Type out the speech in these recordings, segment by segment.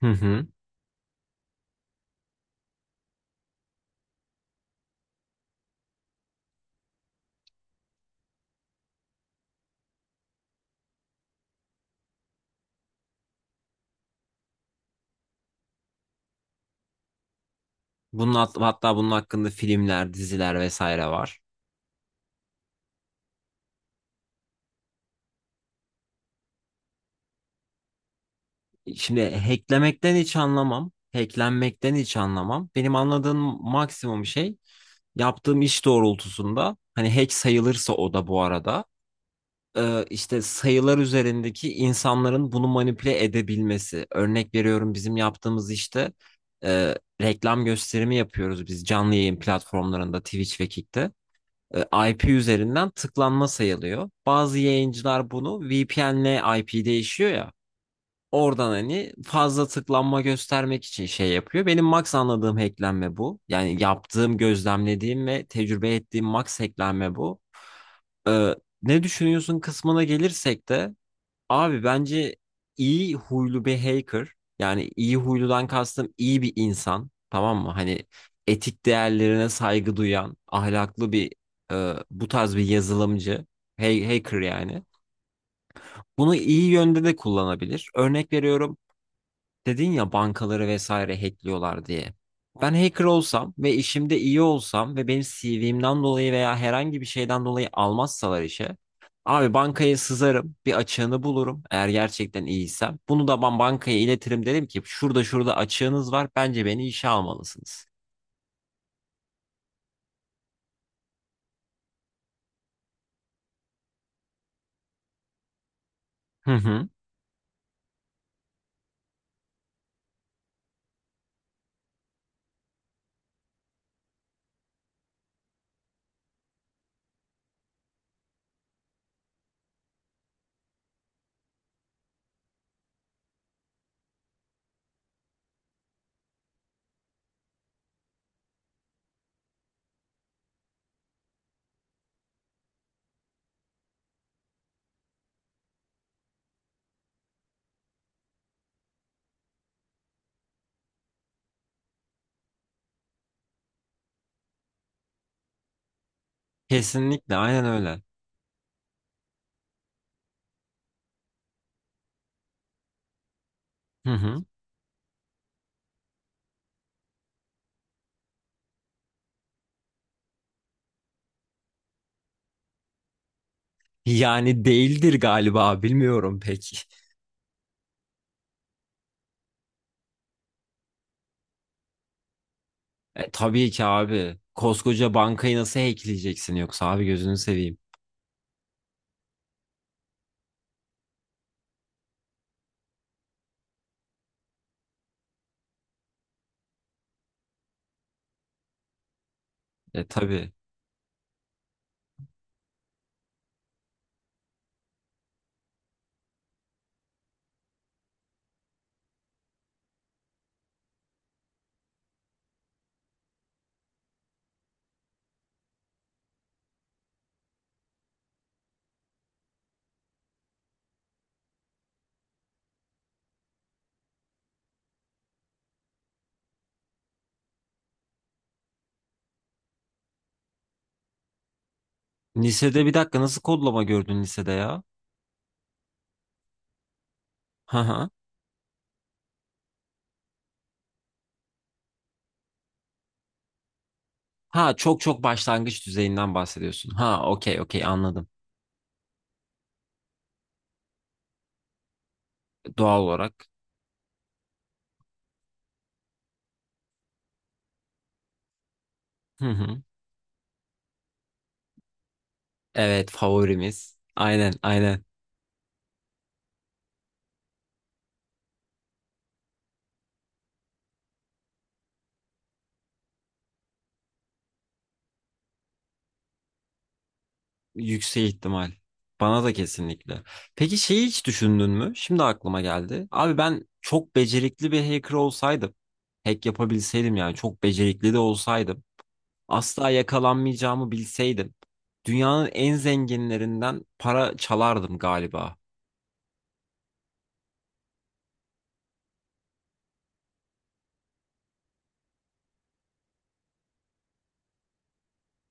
Hı hı. Bunun hatta bunun hakkında filmler, diziler vesaire var. Şimdi hacklemekten hiç anlamam. Hacklenmekten hiç anlamam. Benim anladığım maksimum şey yaptığım iş doğrultusunda hani hack sayılırsa o da bu arada, işte sayılar üzerindeki insanların bunu manipüle edebilmesi. Örnek veriyorum, bizim yaptığımız işte e, reklam gösterimi yapıyoruz biz canlı yayın platformlarında Twitch ve Kick'te. IP üzerinden tıklanma sayılıyor. Bazı yayıncılar bunu VPN'le IP değişiyor ya. Oradan hani fazla tıklanma göstermek için şey yapıyor. Benim max anladığım hacklenme bu. Yani yaptığım, gözlemlediğim ve tecrübe ettiğim max hacklenme bu. Ee, ne düşünüyorsun kısmına gelirsek de, abi bence iyi huylu bir hacker, yani iyi huyludan kastım iyi bir insan, tamam mı? Hani etik değerlerine saygı duyan ahlaklı bir, bu tarz bir yazılımcı, hacker yani. Bunu iyi yönde de kullanabilir. Örnek veriyorum, dedin ya bankaları vesaire hackliyorlar diye. Ben hacker olsam ve işimde iyi olsam ve benim CV'mden dolayı veya herhangi bir şeyden dolayı almazsalar işe. Abi bankaya sızarım, bir açığını bulurum eğer gerçekten iyiysem. Bunu da ben bankaya iletirim, derim ki şurada şurada açığınız var, bence beni işe almalısınız. Hı hı. Kesinlikle aynen öyle. Hı hı. Yani değildir galiba, bilmiyorum pek. E, tabii ki abi. Koskoca bankayı nasıl hackleyeceksin yoksa abi, gözünü seveyim. E tabii. Lisede bir dakika nasıl kodlama gördün lisede ya? Hı hı. Ha, çok çok başlangıç düzeyinden bahsediyorsun. Ha, okey okey, anladım. Doğal olarak. Hı hı. Evet, favorimiz. Aynen aynen. Yüksek ihtimal. Bana da kesinlikle. Peki şeyi hiç düşündün mü? Şimdi aklıma geldi. Abi ben çok becerikli bir hacker olsaydım. Hack yapabilseydim, yani çok becerikli de olsaydım. Asla yakalanmayacağımı bilseydim. Dünyanın en zenginlerinden para çalardım galiba.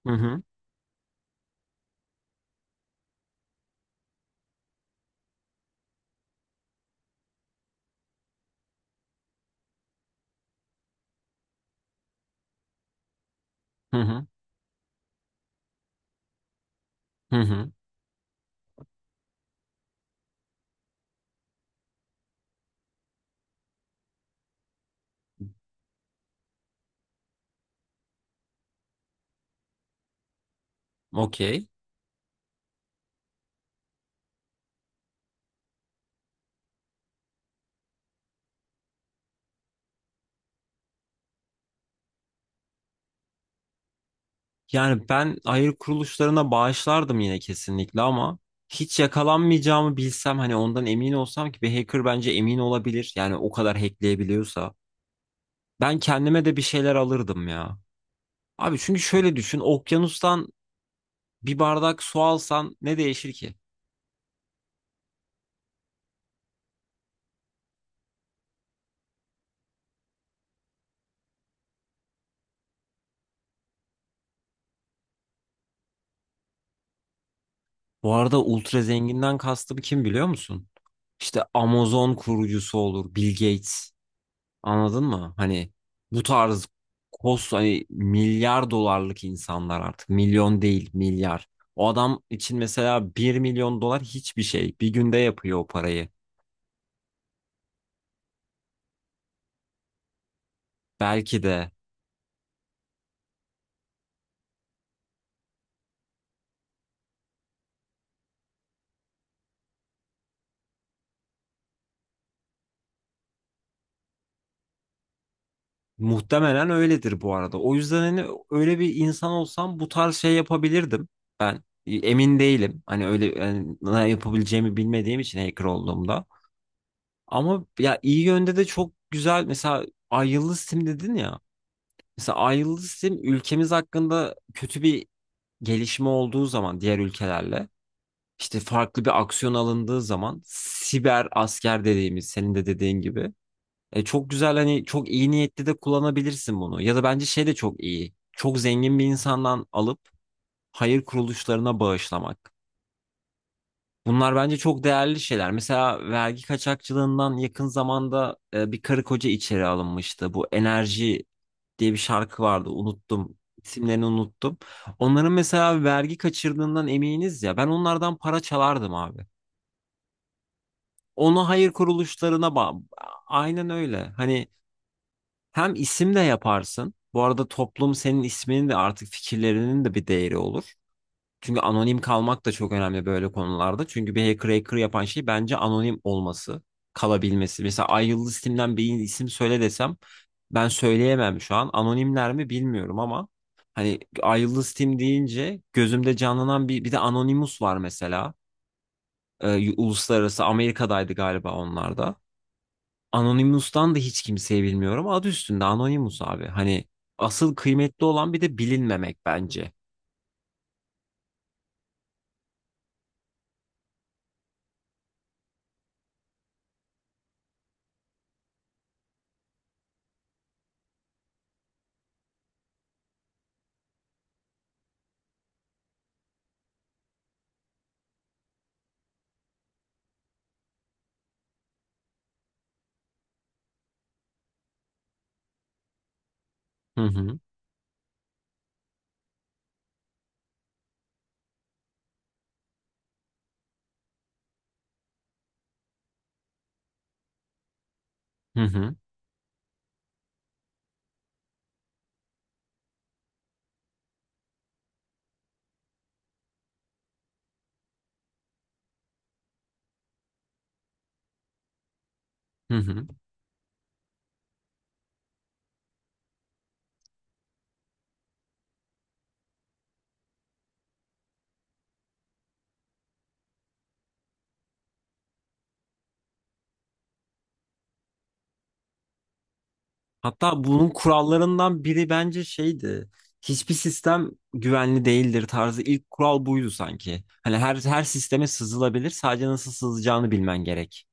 Hı hı. Hı hı. Hı hı. Okey. Yani ben hayır kuruluşlarına bağışlardım yine kesinlikle ama, hiç yakalanmayacağımı bilsem, hani ondan emin olsam, ki bir hacker bence emin olabilir. Yani o kadar hackleyebiliyorsa. Ben kendime de bir şeyler alırdım ya. Abi çünkü şöyle düşün, okyanustan bir bardak su alsan ne değişir ki? Bu arada ultra zenginden kastım kim biliyor musun? İşte Amazon kurucusu olur, Bill Gates. Anladın mı? Hani bu tarz kos, hani milyar dolarlık insanlar, artık milyon değil milyar. O adam için mesela bir milyon dolar hiçbir şey. Bir günde yapıyor o parayı. Belki de muhtemelen öyledir bu arada. O yüzden hani öyle bir insan olsam bu tarz şey yapabilirdim. Ben emin değilim. Hani öyle, yani ne yapabileceğimi bilmediğim için hacker olduğumda. Ama ya iyi yönde de çok güzel, mesela Ay Yıldız Tim dedin ya. Mesela ayrılı sistem ülkemiz hakkında kötü bir gelişme olduğu zaman, diğer ülkelerle işte farklı bir aksiyon alındığı zaman, siber asker dediğimiz, senin de dediğin gibi, çok güzel, hani çok iyi niyetli de kullanabilirsin bunu. Ya da bence şey de çok iyi. Çok zengin bir insandan alıp hayır kuruluşlarına bağışlamak. Bunlar bence çok değerli şeyler. Mesela vergi kaçakçılığından yakın zamanda bir karı koca içeri alınmıştı. Bu Enerji diye bir şarkı vardı. Unuttum. İsimlerini unuttum. Onların mesela vergi kaçırdığından eminiz ya. Ben onlardan para çalardım abi. Onu hayır kuruluşlarına aynen öyle. Hani hem isim de yaparsın. Bu arada toplum senin isminin de artık, fikirlerinin de bir değeri olur. Çünkü anonim kalmak da çok önemli böyle konularda. Çünkü bir hacker hacker yapan şey bence anonim olması, kalabilmesi. Mesela Ay Yıldız Tim'den bir isim söyle desem ben söyleyemem şu an. Anonimler mi bilmiyorum ama, hani Ay Yıldız Tim deyince gözümde canlanan bir de Anonymous var mesela. Uluslararası, Amerika'daydı galiba onlar da. Anonymous'tan da hiç kimseyi bilmiyorum. Adı üstünde Anonymous abi. Hani asıl kıymetli olan bir de bilinmemek bence. Hı hı. Hı hı. Hı hı. Hatta bunun kurallarından biri bence şeydi. Hiçbir sistem güvenli değildir tarzı, ilk kural buydu sanki. Hani her sisteme sızılabilir. Sadece nasıl sızılacağını bilmen gerek.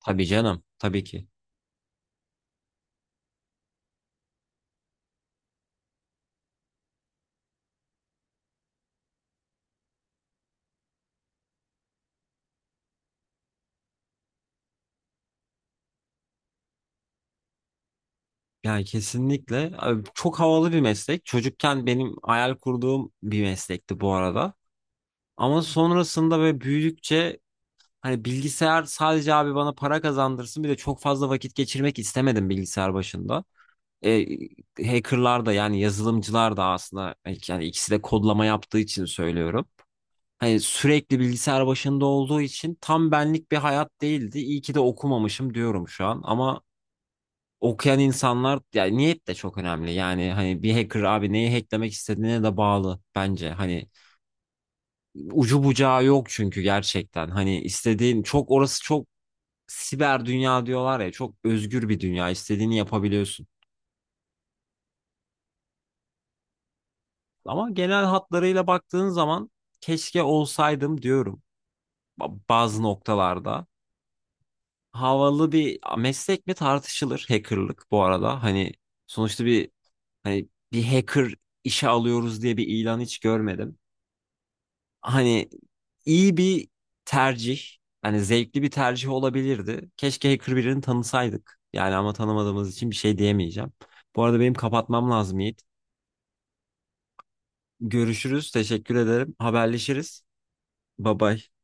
Tabii canım, tabii ki. Yani kesinlikle abi çok havalı bir meslek. Çocukken benim hayal kurduğum bir meslekti bu arada. Ama sonrasında ve büyüdükçe, hani bilgisayar sadece abi bana para kazandırsın, bir de çok fazla vakit geçirmek istemedim bilgisayar başında. E, hackerlar da yani yazılımcılar da aslında yani ikisi de kodlama yaptığı için söylüyorum. Hani sürekli bilgisayar başında olduğu için tam benlik bir hayat değildi. İyi ki de okumamışım diyorum şu an, ama okuyan insanlar, yani niyet de çok önemli. Yani hani bir hacker abi neyi hacklemek istediğine de bağlı bence. Hani ucu bucağı yok çünkü gerçekten. Hani istediğin çok, orası çok, siber dünya diyorlar ya, çok özgür bir dünya. İstediğini yapabiliyorsun. Ama genel hatlarıyla baktığın zaman, keşke olsaydım diyorum bazı noktalarda. Havalı bir meslek mi tartışılır hackerlık bu arada. Hani sonuçta bir, hani bir hacker işe alıyoruz diye bir ilan hiç görmedim. Hani iyi bir tercih, hani zevkli bir tercih olabilirdi. Keşke hacker birini tanısaydık. Yani ama tanımadığımız için bir şey diyemeyeceğim. Bu arada benim kapatmam lazım Yiğit. Görüşürüz. Teşekkür ederim. Haberleşiriz. Bye bye.